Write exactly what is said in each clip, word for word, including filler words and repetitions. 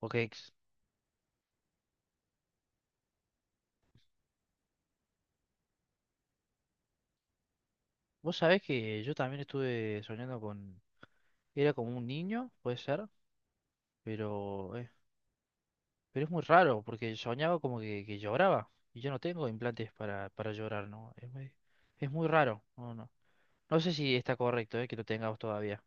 Ok, vos sabés que yo también estuve soñando con... Era como un niño, puede ser, pero, eh, pero es muy raro porque soñaba como que, que lloraba y yo no tengo implantes para, para llorar, ¿no? Es muy, es muy raro, no, no. No sé si está correcto, eh, que lo tengamos todavía,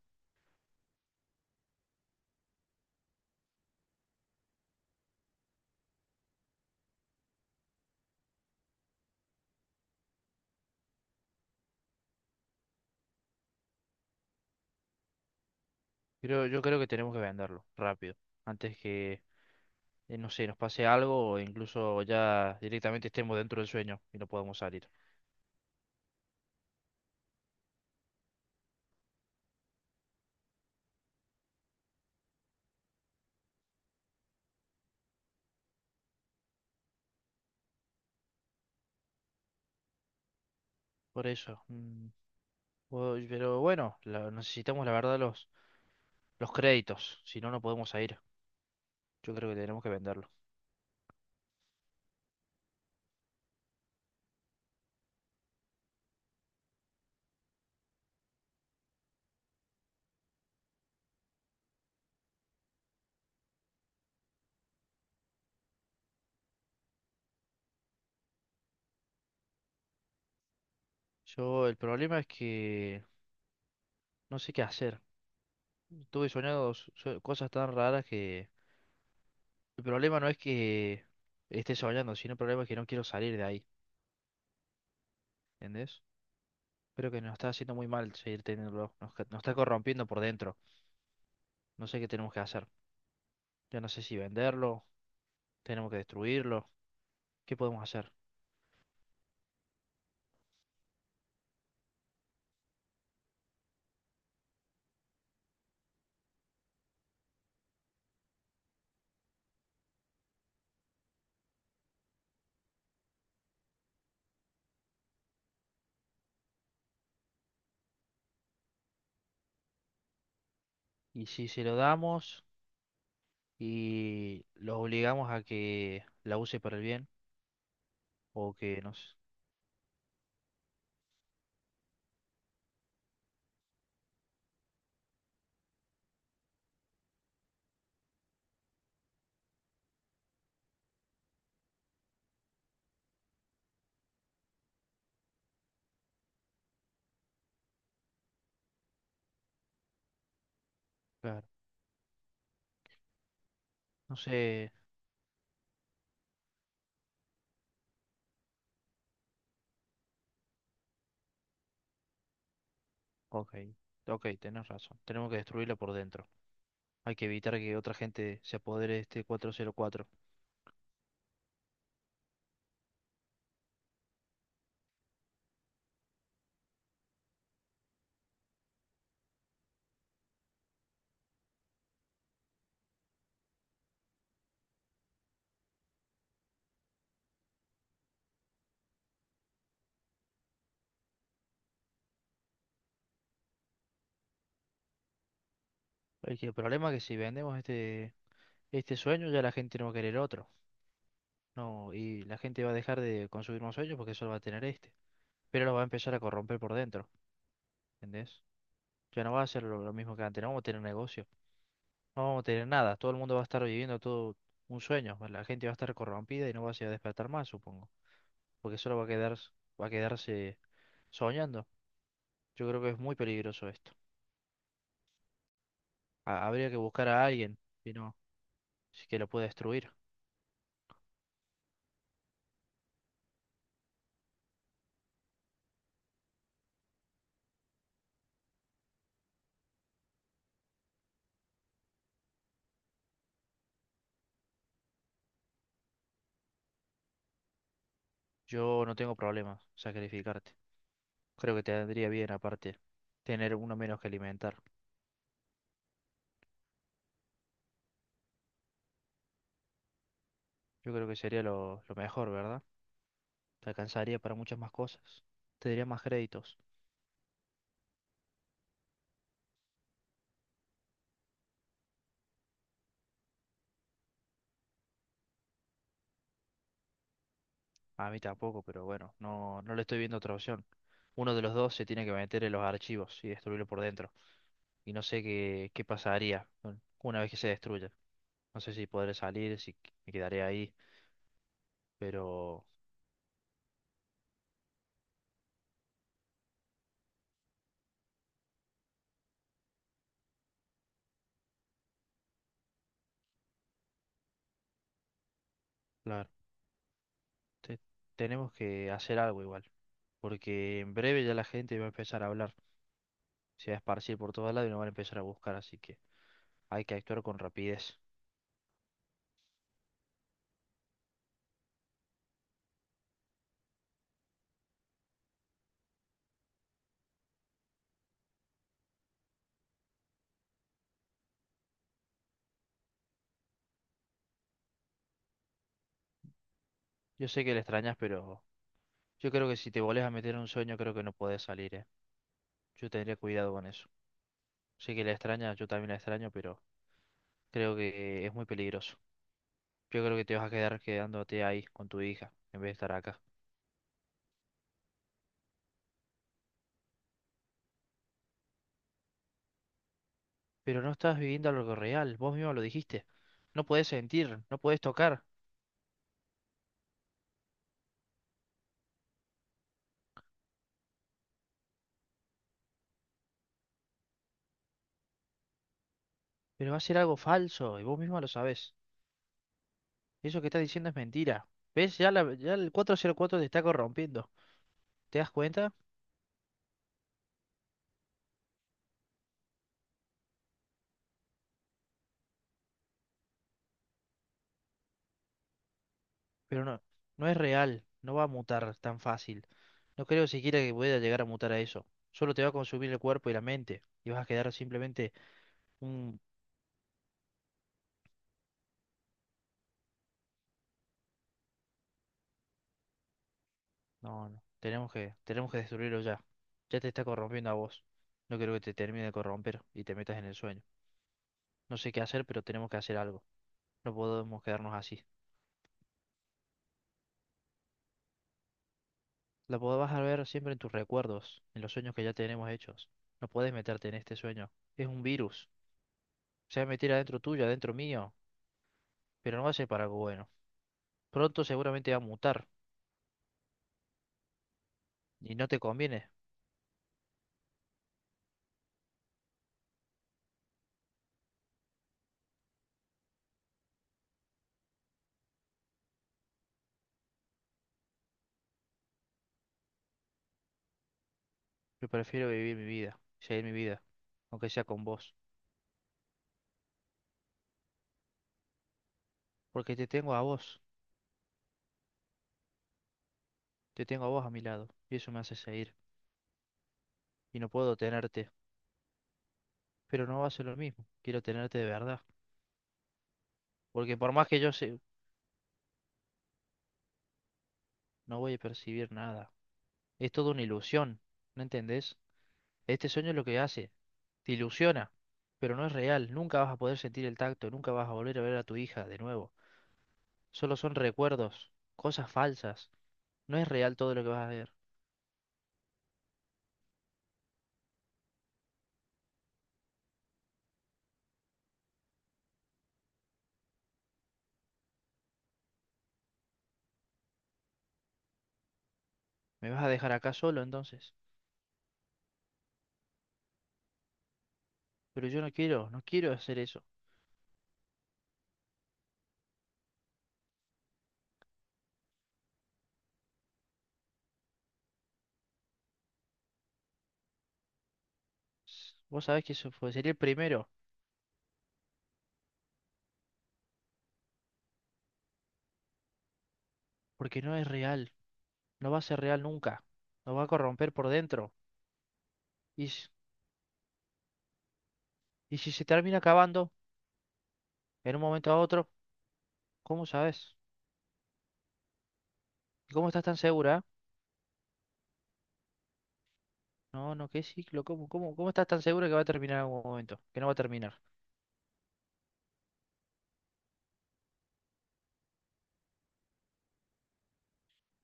pero yo creo que tenemos que venderlo rápido, antes que, eh, no sé, nos pase algo o incluso ya directamente estemos dentro del sueño y no podamos salir. Por eso, mm, o- pero bueno, la- necesitamos la verdad los... Los créditos, si no, no podemos ir. Yo creo que tenemos que venderlo. Yo, el problema es que no sé qué hacer. Estuve soñando s- so- cosas tan raras que el problema no es que esté soñando, sino el problema es que no quiero salir de ahí. ¿Entendés? Creo que nos está haciendo muy mal seguir teniéndolo. Nos, ca- nos está corrompiendo por dentro. No sé qué tenemos que hacer. Ya no sé si venderlo, tenemos que destruirlo. ¿Qué podemos hacer? Y si se lo damos y los obligamos a que la use para el bien o que nos... Claro. No sé. Ok. Ok, tenés razón. Tenemos que destruirla por dentro. Hay que evitar que otra gente se apodere de este cuatro cero cuatro. El que- el problema es que si vendemos este, este sueño, ya la gente no va a querer otro. No, y la gente va a dejar de consumir más sueños porque solo va a tener este. Pero lo va a empezar a corromper por dentro. ¿Entendés? Ya no va a ser lo, lo mismo que antes. No vamos a tener negocio. No vamos a tener nada. Todo el mundo va a estar viviendo todo un sueño. La gente va a estar corrompida y no va a se va a despertar más, supongo. Porque solo va a quedar, va a quedarse soñando. Yo creo que es muy peligroso esto. Ha- Habría que buscar a alguien, si no, si que lo pueda destruir. Yo no tengo problema sacrificarte. Creo que te vendría bien, aparte, tener uno menos que alimentar. Yo creo que sería lo, lo mejor, ¿verdad? Te alcanzaría para muchas más cosas. Te daría más créditos. A mí tampoco, pero bueno, no, no le estoy viendo otra opción. Uno de los dos se tiene que meter en los archivos y destruirlo por dentro. Y no sé qué, qué pasaría con- una vez que se destruya. No sé si podré salir, si qu- me quedaré ahí, pero... Claro. te- tenemos que hacer algo igual, porque en breve ya la gente va a empezar a hablar, se va a esparcir por todos lados y nos van a empezar a buscar, así que hay que actuar con rapidez. Yo sé que le extrañas, pero yo creo que si te volvés a meter en un sueño, creo que no podés salir, ¿eh? Yo tendría cuidado con eso. Sé que la extrañas, yo también la extraño, pero creo que es muy peligroso. Yo creo que te vas a quedar quedándote ahí con tu hija, en vez de estar acá. Pero no estás viviendo algo real, vos mismo lo dijiste. No podés sentir, no podés tocar, pero va a ser algo falso y vos mismo lo sabés. Eso que estás diciendo es mentira. ¿Ves? Ya, la- ya el cuatro cero cuatro te está corrompiendo. ¿Te das cuenta? Pero no, no es real. No va a mutar tan fácil. No creo siquiera que pueda llegar a mutar a eso. Solo te va a consumir el cuerpo y la mente. Y vas a quedar simplemente un... No, no. Tenemos que, tenemos que destruirlo ya. Ya te está corrompiendo a vos. No quiero que te termine de corromper y te metas en el sueño. No sé qué hacer, pero tenemos que hacer algo. No podemos quedarnos así. La podrás ver siempre en tus recuerdos, en los sueños que ya tenemos hechos. No puedes meterte en este sueño. Es un virus. Se va a meter adentro tuyo, adentro mío, pero no va a ser para algo bueno. Pronto seguramente va a mutar y no te conviene. Yo prefiero vivir mi vida, seguir mi vida, aunque sea con vos, porque te tengo a vos, te tengo a vos a mi lado y eso me hace seguir. Y no puedo tenerte, pero no va a ser lo mismo. Quiero tenerte de verdad, porque por más que yo sé, no voy a percibir nada. Es toda una ilusión, ¿no entendés? Este sueño es lo que hace. Te ilusiona, pero no es real. Nunca vas a poder sentir el tacto, nunca vas a volver a ver a tu hija de nuevo. Solo son recuerdos, cosas falsas. No es real todo lo que vas a ver. ¿Me vas a dejar acá solo entonces? Pero yo no quiero, no quiero hacer eso. S- Vos sabés que eso fue- sería el primero, porque no es real. No va a ser real nunca. Nos va a corromper por dentro. Y, s- y si se termina acabando, en un momento a otro, ¿cómo sabes? ¿Cómo estás tan segura? No, no, qué ciclo, ¿cómo, cómo, cómo estás tan segura que va a terminar en algún momento? Que no va a terminar.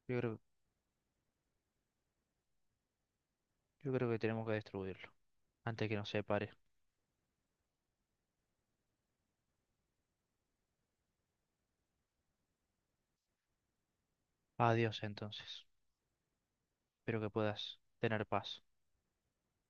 Yo creo Yo creo que tenemos que destruirlo antes que nos separe. Adiós entonces. Espero que puedas tener paz.